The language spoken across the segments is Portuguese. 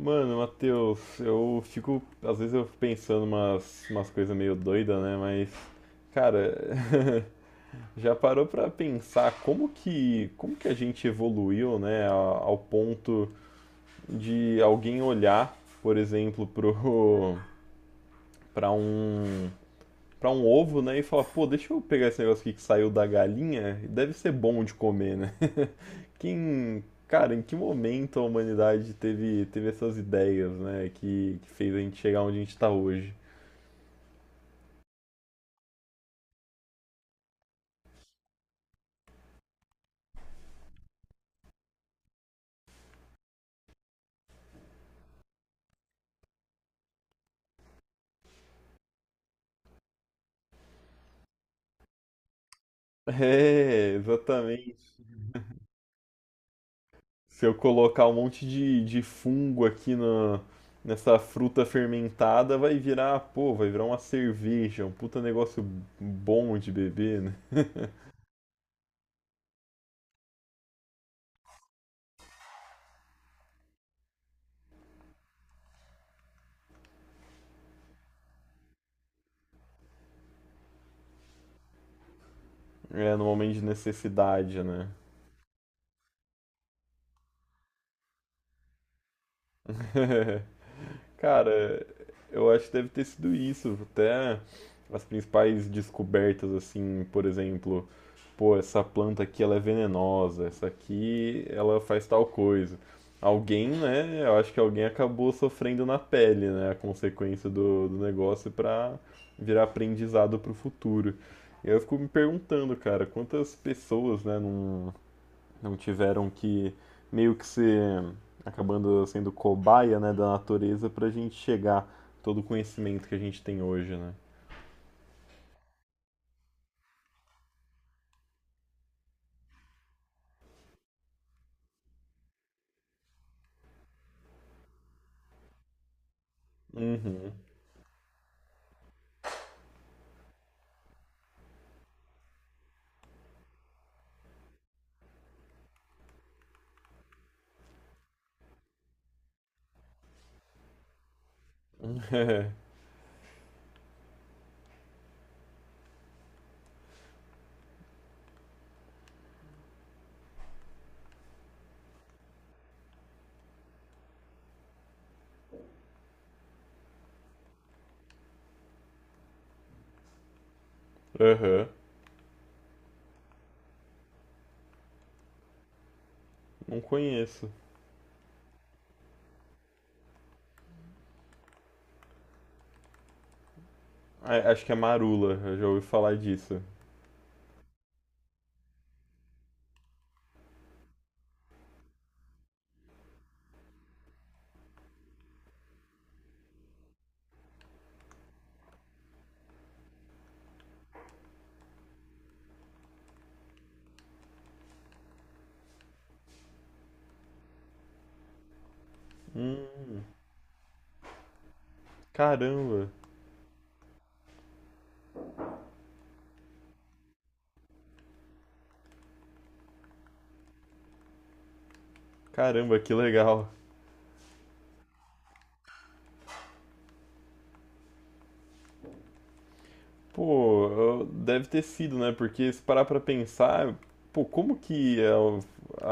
Mano, Matheus, eu fico, às vezes eu fico pensando umas coisas meio doidas, né? Mas, cara, já parou pra pensar como que a gente evoluiu, né? Ao ponto de alguém olhar, por exemplo, pra um, pra um ovo, né? E fala, pô, deixa eu pegar esse negócio aqui que saiu da galinha, deve ser bom de comer, né? Quem, cara, em que momento a humanidade teve, teve essas ideias, né? Que fez a gente chegar onde a gente tá hoje. É, exatamente. Se eu colocar um monte de fungo aqui na nessa fruta fermentada, vai virar, pô, vai virar uma cerveja, um puta negócio bom de beber, né? É, no momento de necessidade, né? Cara, eu acho que deve ter sido isso. Até as principais descobertas, assim, por exemplo, pô, essa planta aqui ela é venenosa, essa aqui ela faz tal coisa. Alguém, né? Eu acho que alguém acabou sofrendo na pele, né? A consequência do, do negócio pra virar aprendizado pro futuro. E eu fico me perguntando, cara, quantas pessoas, né, não tiveram que meio que ser acabando sendo cobaia, né, da natureza pra gente chegar todo o conhecimento que a gente tem hoje, né? Uhum. Aham. Não conheço. É, acho que é marula, eu já ouvi falar disso. Caramba, caramba, que legal. Pô, deve ter sido, né? Porque se parar pra pensar, pô, como que a-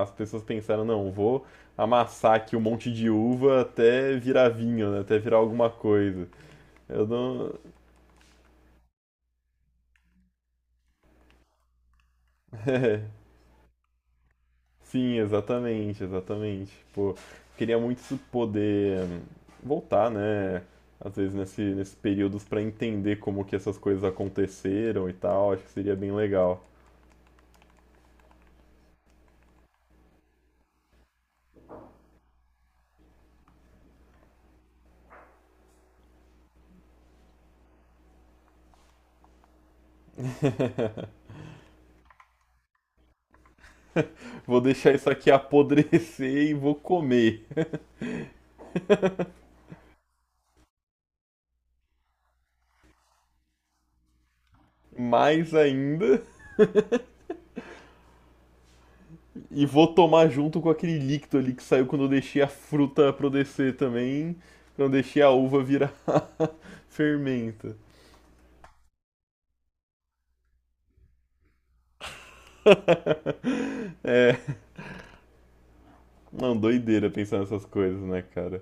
a- as pessoas pensaram, não, vou amassar aqui um monte de uva até virar vinho, né? Até virar alguma coisa. Eu não. É, sim, exatamente, exatamente. Pô, queria muito poder voltar, né? Às vezes nesses períodos para entender como que essas coisas aconteceram e tal, acho que seria bem legal. Vou deixar isso aqui apodrecer e vou comer mais ainda e vou tomar junto com aquele líquido ali que saiu quando eu deixei a fruta apodrecer também, quando eu deixei a uva virar fermento. É. Não, doideira pensar nessas coisas, né, cara?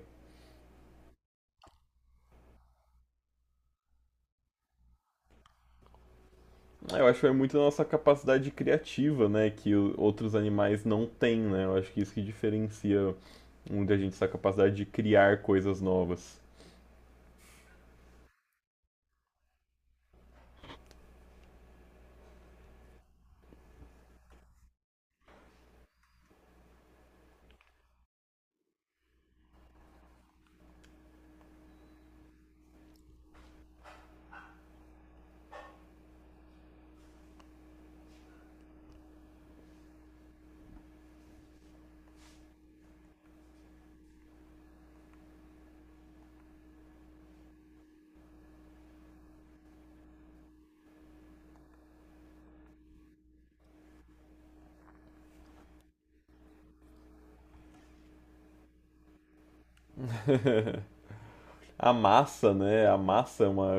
Eu acho que é muito da nossa capacidade criativa, né, que outros animais não têm, né? Eu acho que isso que diferencia muita gente, essa capacidade de criar coisas novas. A massa, né? A massa é uma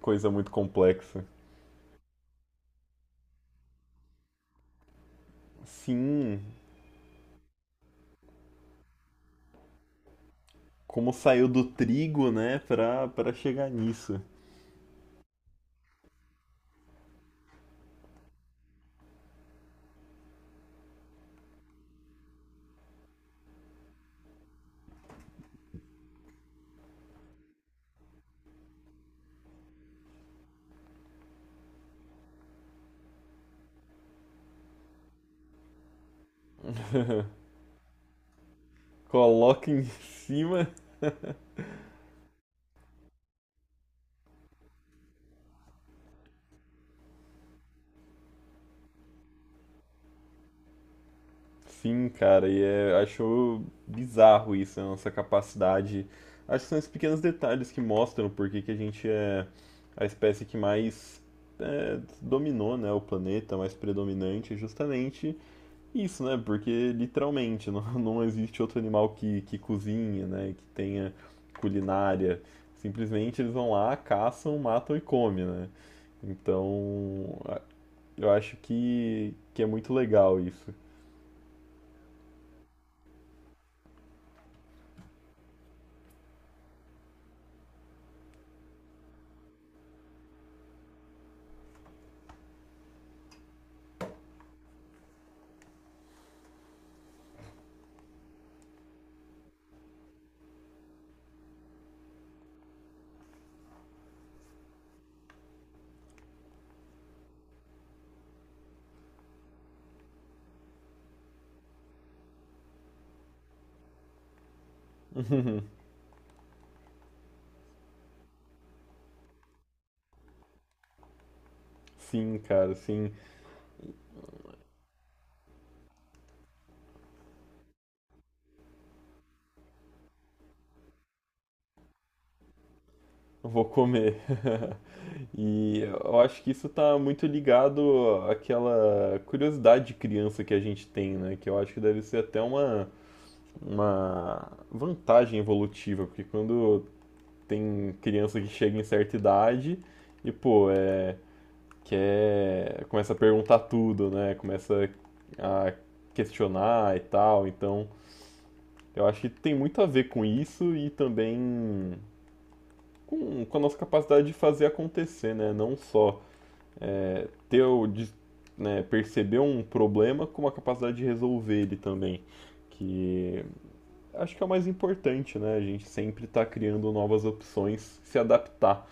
coisa muito complexa. Sim, como saiu do trigo, né, pra, pra chegar nisso. Coloca em cima. Sim, cara, e é, acho bizarro isso, a nossa capacidade. Acho que são esses pequenos detalhes que mostram por que que a gente é a espécie que mais é, dominou, né, o planeta, mais predominante, é justamente isso, né? Porque literalmente não existe outro animal que cozinha, né, que tenha culinária. Simplesmente eles vão lá, caçam, matam e comem, né? Então, eu acho que é muito legal isso. Sim, cara, sim. Vou comer. E eu acho que isso tá muito ligado àquela curiosidade de criança que a gente tem, né? Que eu acho que deve ser até uma vantagem evolutiva, porque quando tem criança que chega em certa idade e, pô, é, quer, começa a perguntar tudo, né? Começa a questionar e tal. Então, eu acho que tem muito a ver com isso e também com a nossa capacidade de fazer acontecer, né? Não só teu, de, né, perceber um problema com uma capacidade de resolver ele também. Que acho que é o mais importante, né? A gente sempre está criando novas opções, se adaptar.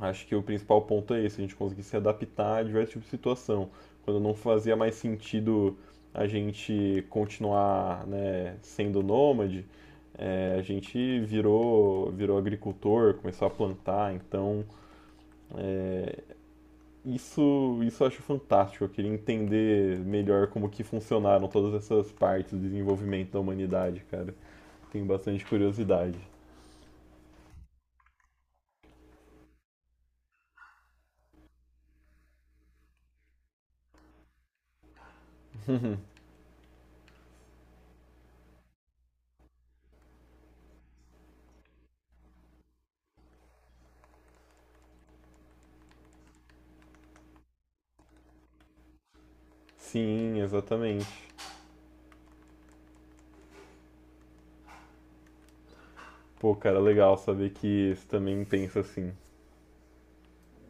Acho que o principal ponto é esse, a gente conseguir se adaptar a diversos tipos de situação. Quando não fazia mais sentido a gente continuar, né, sendo nômade, é, a gente virou, virou agricultor, começou a plantar, então isso eu acho fantástico. Eu queria entender melhor como que funcionaram todas essas partes do desenvolvimento da humanidade, cara. Tenho bastante curiosidade. Sim, exatamente. Pô, cara, legal saber que você também pensa assim.